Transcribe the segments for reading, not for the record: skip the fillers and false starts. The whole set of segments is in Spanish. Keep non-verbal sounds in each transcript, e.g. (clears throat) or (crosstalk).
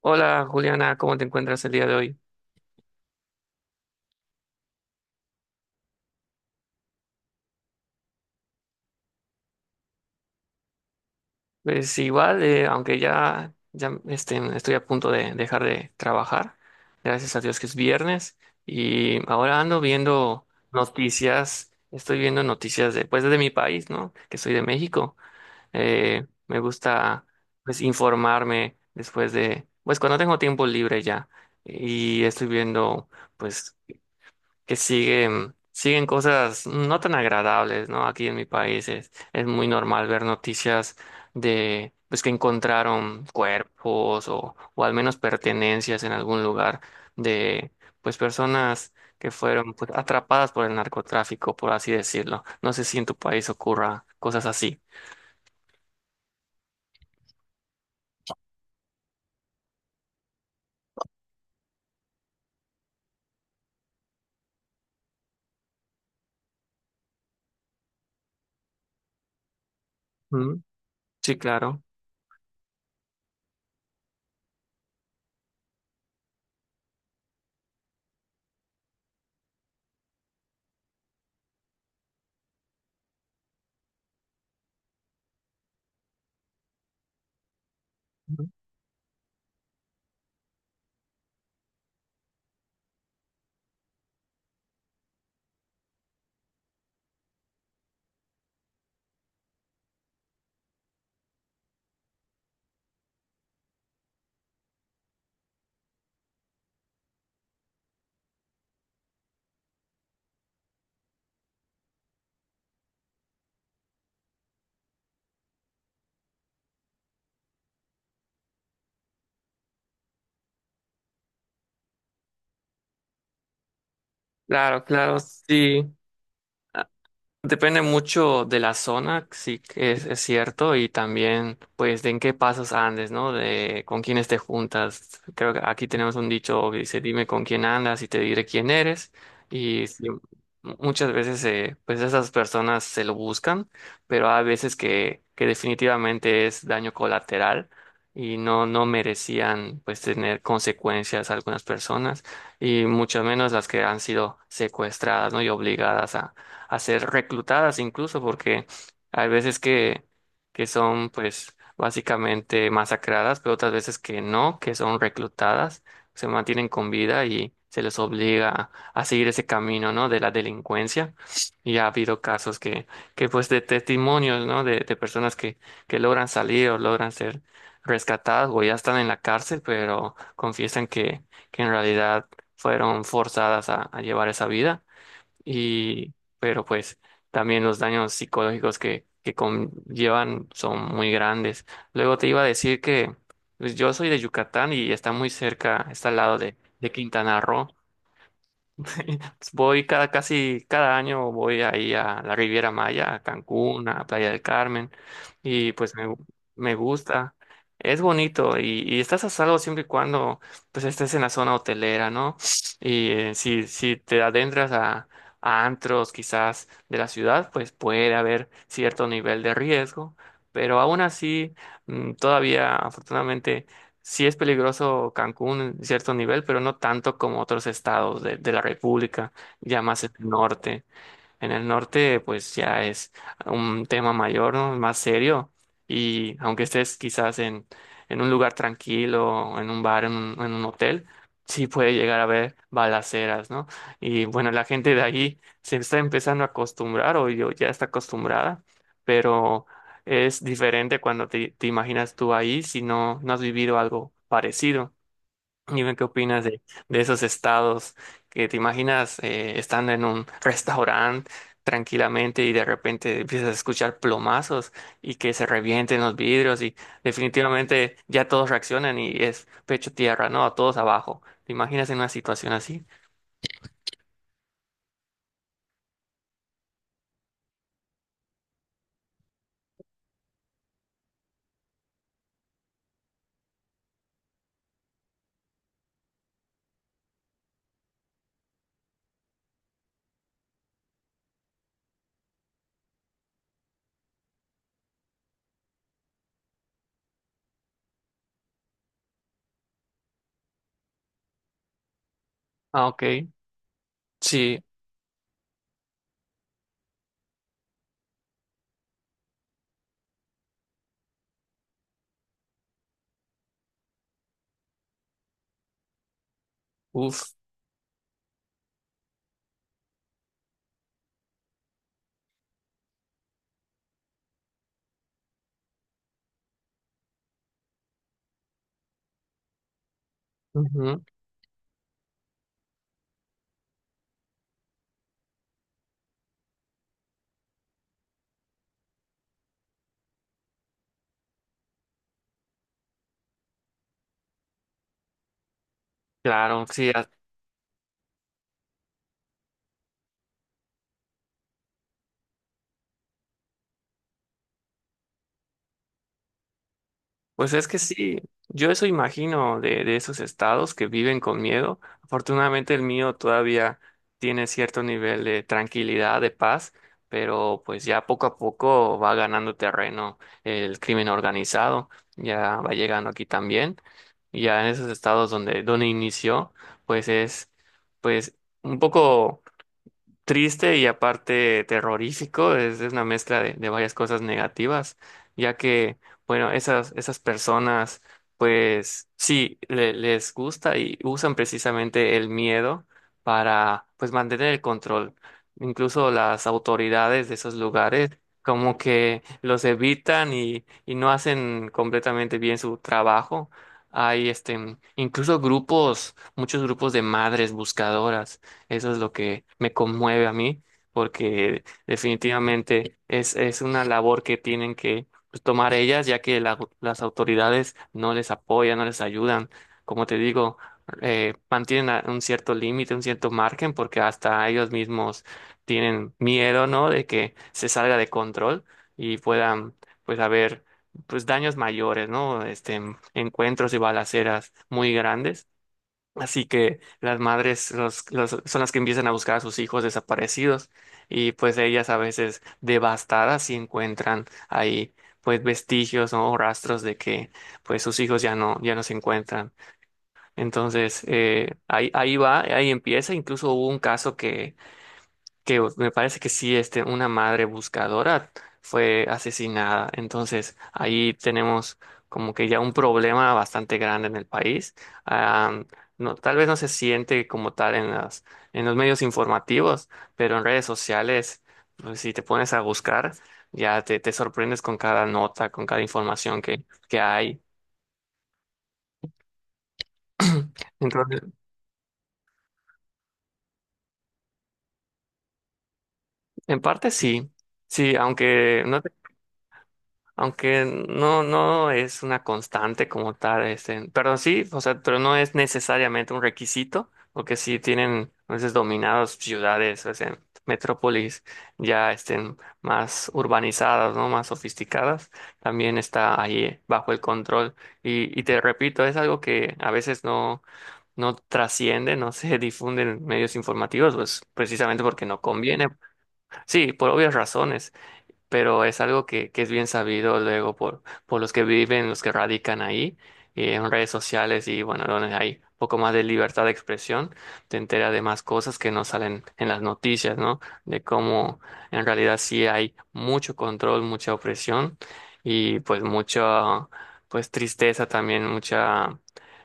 Hola Juliana, ¿cómo te encuentras el día de hoy? Pues igual, aunque ya, estoy a punto de dejar de trabajar, gracias a Dios que es viernes, y ahora ando viendo noticias, estoy viendo noticias pues, de mi país, ¿no? Que soy de México. Me gusta pues informarme pues cuando tengo tiempo libre ya, y estoy viendo pues que siguen cosas no tan agradables, ¿no? Aquí en mi país es muy normal ver noticias pues que encontraron cuerpos o al menos pertenencias en algún lugar de, pues personas que fueron pues, atrapadas por el narcotráfico, por así decirlo. No sé si en tu país ocurra cosas así. Mm, sí, claro. Ujú. Claro, claro, sí. Depende mucho de la zona, sí que es cierto, y también pues de en qué pasos andes, ¿no? De con quiénes te juntas. Creo que aquí tenemos un dicho que dice, dime con quién andas y te diré quién eres. Y sí, muchas veces pues esas personas se lo buscan, pero hay veces que definitivamente es daño colateral y no merecían pues tener consecuencias algunas personas y mucho menos las que han sido secuestradas, ¿no? Y obligadas a ser reclutadas incluso, porque hay veces que son pues básicamente masacradas, pero otras veces que no, que son reclutadas, se mantienen con vida y se les obliga a seguir ese camino, ¿no? De la delincuencia. Y ha habido casos que pues de testimonios, ¿no? De personas que logran salir o logran ser rescatadas o ya están en la cárcel, pero confiesan que en realidad fueron forzadas a llevar esa vida y, pero pues también los daños psicológicos que conllevan son muy grandes. Luego te iba a decir que pues, yo soy de Yucatán y está muy cerca, está al lado de Quintana Roo. (laughs) Voy cada, casi cada año, voy ahí a la Riviera Maya, a Cancún, a Playa del Carmen, y pues me gusta. Es bonito y estás a salvo siempre y cuando pues estés en la zona hotelera, ¿no? Y si te adentras a antros quizás de la ciudad, pues puede haber cierto nivel de riesgo, pero aún así, todavía afortunadamente sí es peligroso Cancún en cierto nivel, pero no tanto como otros estados de la República, ya más en el norte. En el norte, pues ya es un tema mayor, ¿no? Más serio. Y aunque estés quizás en un lugar tranquilo, en un bar, en un hotel, sí puede llegar a haber balaceras, ¿no? Y bueno, la gente de ahí se está empezando a acostumbrar, o yo ya está acostumbrada, pero es diferente cuando te imaginas tú ahí si no, no has vivido algo parecido. Dime qué opinas de esos estados que te imaginas estando en un restaurante tranquilamente y de repente empiezas a escuchar plomazos y que se revienten los vidrios y definitivamente ya todos reaccionan y es pecho tierra, ¿no? Todos abajo. ¿Te imaginas en una situación así? Ah, ok. Sí. Uff. Claro, sí, pues es que sí, yo eso imagino de esos estados que viven con miedo. Afortunadamente el mío todavía tiene cierto nivel de tranquilidad, de paz, pero pues ya poco a poco va ganando terreno el crimen organizado, ya va llegando aquí también, y ya en esos estados donde inició, pues es pues un poco triste y aparte terrorífico, es una mezcla de varias cosas negativas, ya que, bueno, esas personas, pues sí, le- les gusta y usan precisamente el miedo para, pues, mantener el control. Incluso las autoridades de esos lugares como que los evitan y no hacen completamente bien su trabajo. Hay este, incluso grupos, muchos grupos de madres buscadoras, eso es lo que me conmueve a mí, porque definitivamente es una labor que tienen que pues, tomar ellas, ya que la- las autoridades no les apoyan, no les ayudan. Como te digo, mantienen a- un cierto límite, un cierto margen, porque hasta ellos mismos tienen miedo, ¿no? De que se salga de control y puedan, pues, haber, pues, daños mayores, ¿no? Este, encuentros y balaceras muy grandes. Así que las madres los- son las que empiezan a buscar a sus hijos desaparecidos y pues ellas a veces devastadas si encuentran ahí pues vestigios, ¿no? O rastros de que pues sus hijos ya no, ya no se encuentran. Entonces ahí va, ahí empieza. Incluso hubo un caso que me parece que sí, este, una madre buscadora fue asesinada. Entonces, ahí tenemos como que ya un problema bastante grande en el país. Am, no, tal vez no se siente como tal en en los medios informativos, pero en redes sociales, pues, si te pones a buscar, ya te sorprendes con cada nota, con cada información que hay. (clears throat) Entonces, en parte sí. Sí, aunque no, aunque no, no es una constante como tal, este, pero sí, o sea, pero no es necesariamente un requisito, porque sí tienen a veces dominados ciudades, o sea, metrópolis ya estén más urbanizadas, ¿no? Más sofisticadas, también está ahí bajo el control. Y te repito, es algo que a veces no, no trasciende, no se (laughs) difunde en medios informativos, pues precisamente porque no conviene. Sí, por obvias razones, pero es algo que es bien sabido luego por los que viven, los que radican ahí, en redes sociales y bueno, donde hay un poco más de libertad de expresión, te entera de más cosas que no salen en las noticias, ¿no? De cómo en realidad sí hay mucho control, mucha opresión y pues mucha, pues tristeza también, mucha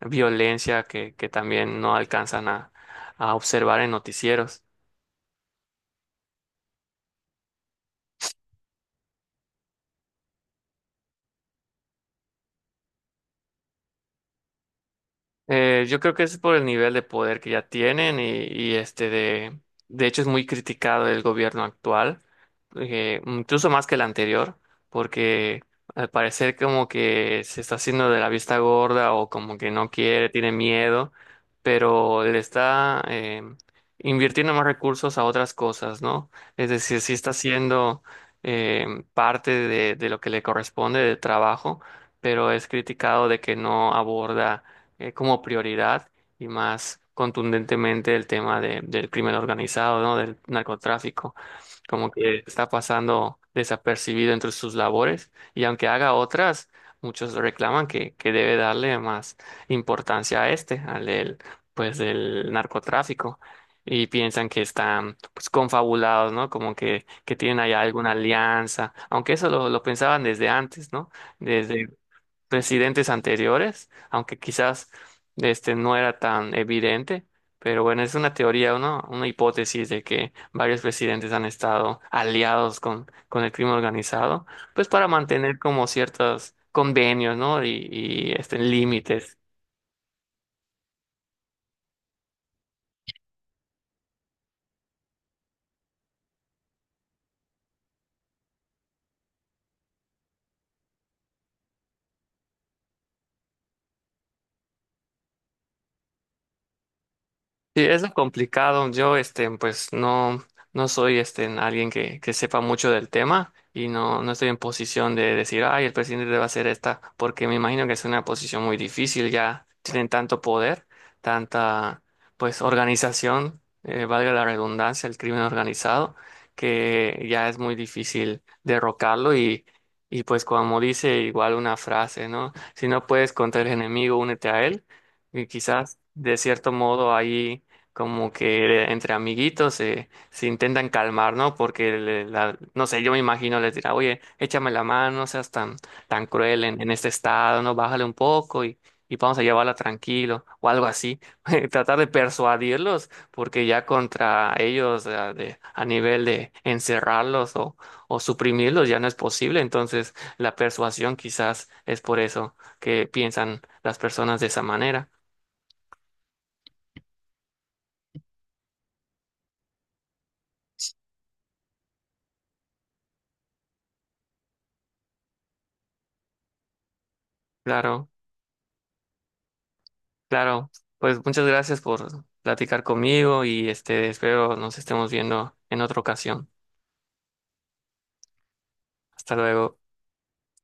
violencia que también no alcanzan a observar en noticieros. Yo creo que es por el nivel de poder que ya tienen y, este de hecho es muy criticado el gobierno actual, incluso más que el anterior, porque al parecer como que se está haciendo de la vista gorda o como que no quiere, tiene miedo, pero le está invirtiendo más recursos a otras cosas, ¿no? Es decir, sí está haciendo eh, parte de lo que le corresponde de trabajo, pero es criticado de que no aborda como prioridad y más contundentemente el tema de- del crimen organizado, ¿no? Del narcotráfico, como que está pasando desapercibido entre sus labores y aunque haga otras, muchos reclaman que debe darle más importancia a este, al del, pues, del narcotráfico. Y piensan que están pues confabulados, ¿no? Como que tienen allá alguna alianza, aunque eso lo pensaban desde antes, ¿no? Desde presidentes anteriores, aunque quizás este no era tan evidente, pero bueno, es una teoría, una hipótesis de que varios presidentes han estado aliados con el crimen organizado, pues para mantener como ciertos convenios, ¿no? Y este, límites. Sí, es lo complicado. Yo, este, pues no, no soy, este, alguien que sepa mucho del tema y no, no estoy en posición de decir, ay, el presidente debe hacer esta, porque me imagino que es una posición muy difícil. Ya tienen tanto poder, tanta, pues, organización, valga la redundancia, el crimen organizado, que ya es muy difícil derrocarlo y pues, como dice igual una frase, ¿no? Si no puedes contra el enemigo, únete a él. Y quizás de cierto modo ahí como que entre amiguitos se intentan calmar, ¿no? Porque, le- la, no sé, yo me imagino les dirá, oye, échame la mano, no seas tan, tan cruel en este estado, ¿no? Bájale un poco y vamos a llevarla tranquilo o algo así. (laughs) Tratar de persuadirlos, porque ya contra ellos a, de- a nivel de encerrarlos o suprimirlos ya no es posible. Entonces, la persuasión quizás es por eso que piensan las personas de esa manera. Claro. Claro, pues muchas gracias por platicar conmigo y este espero nos estemos viendo en otra ocasión. Hasta luego.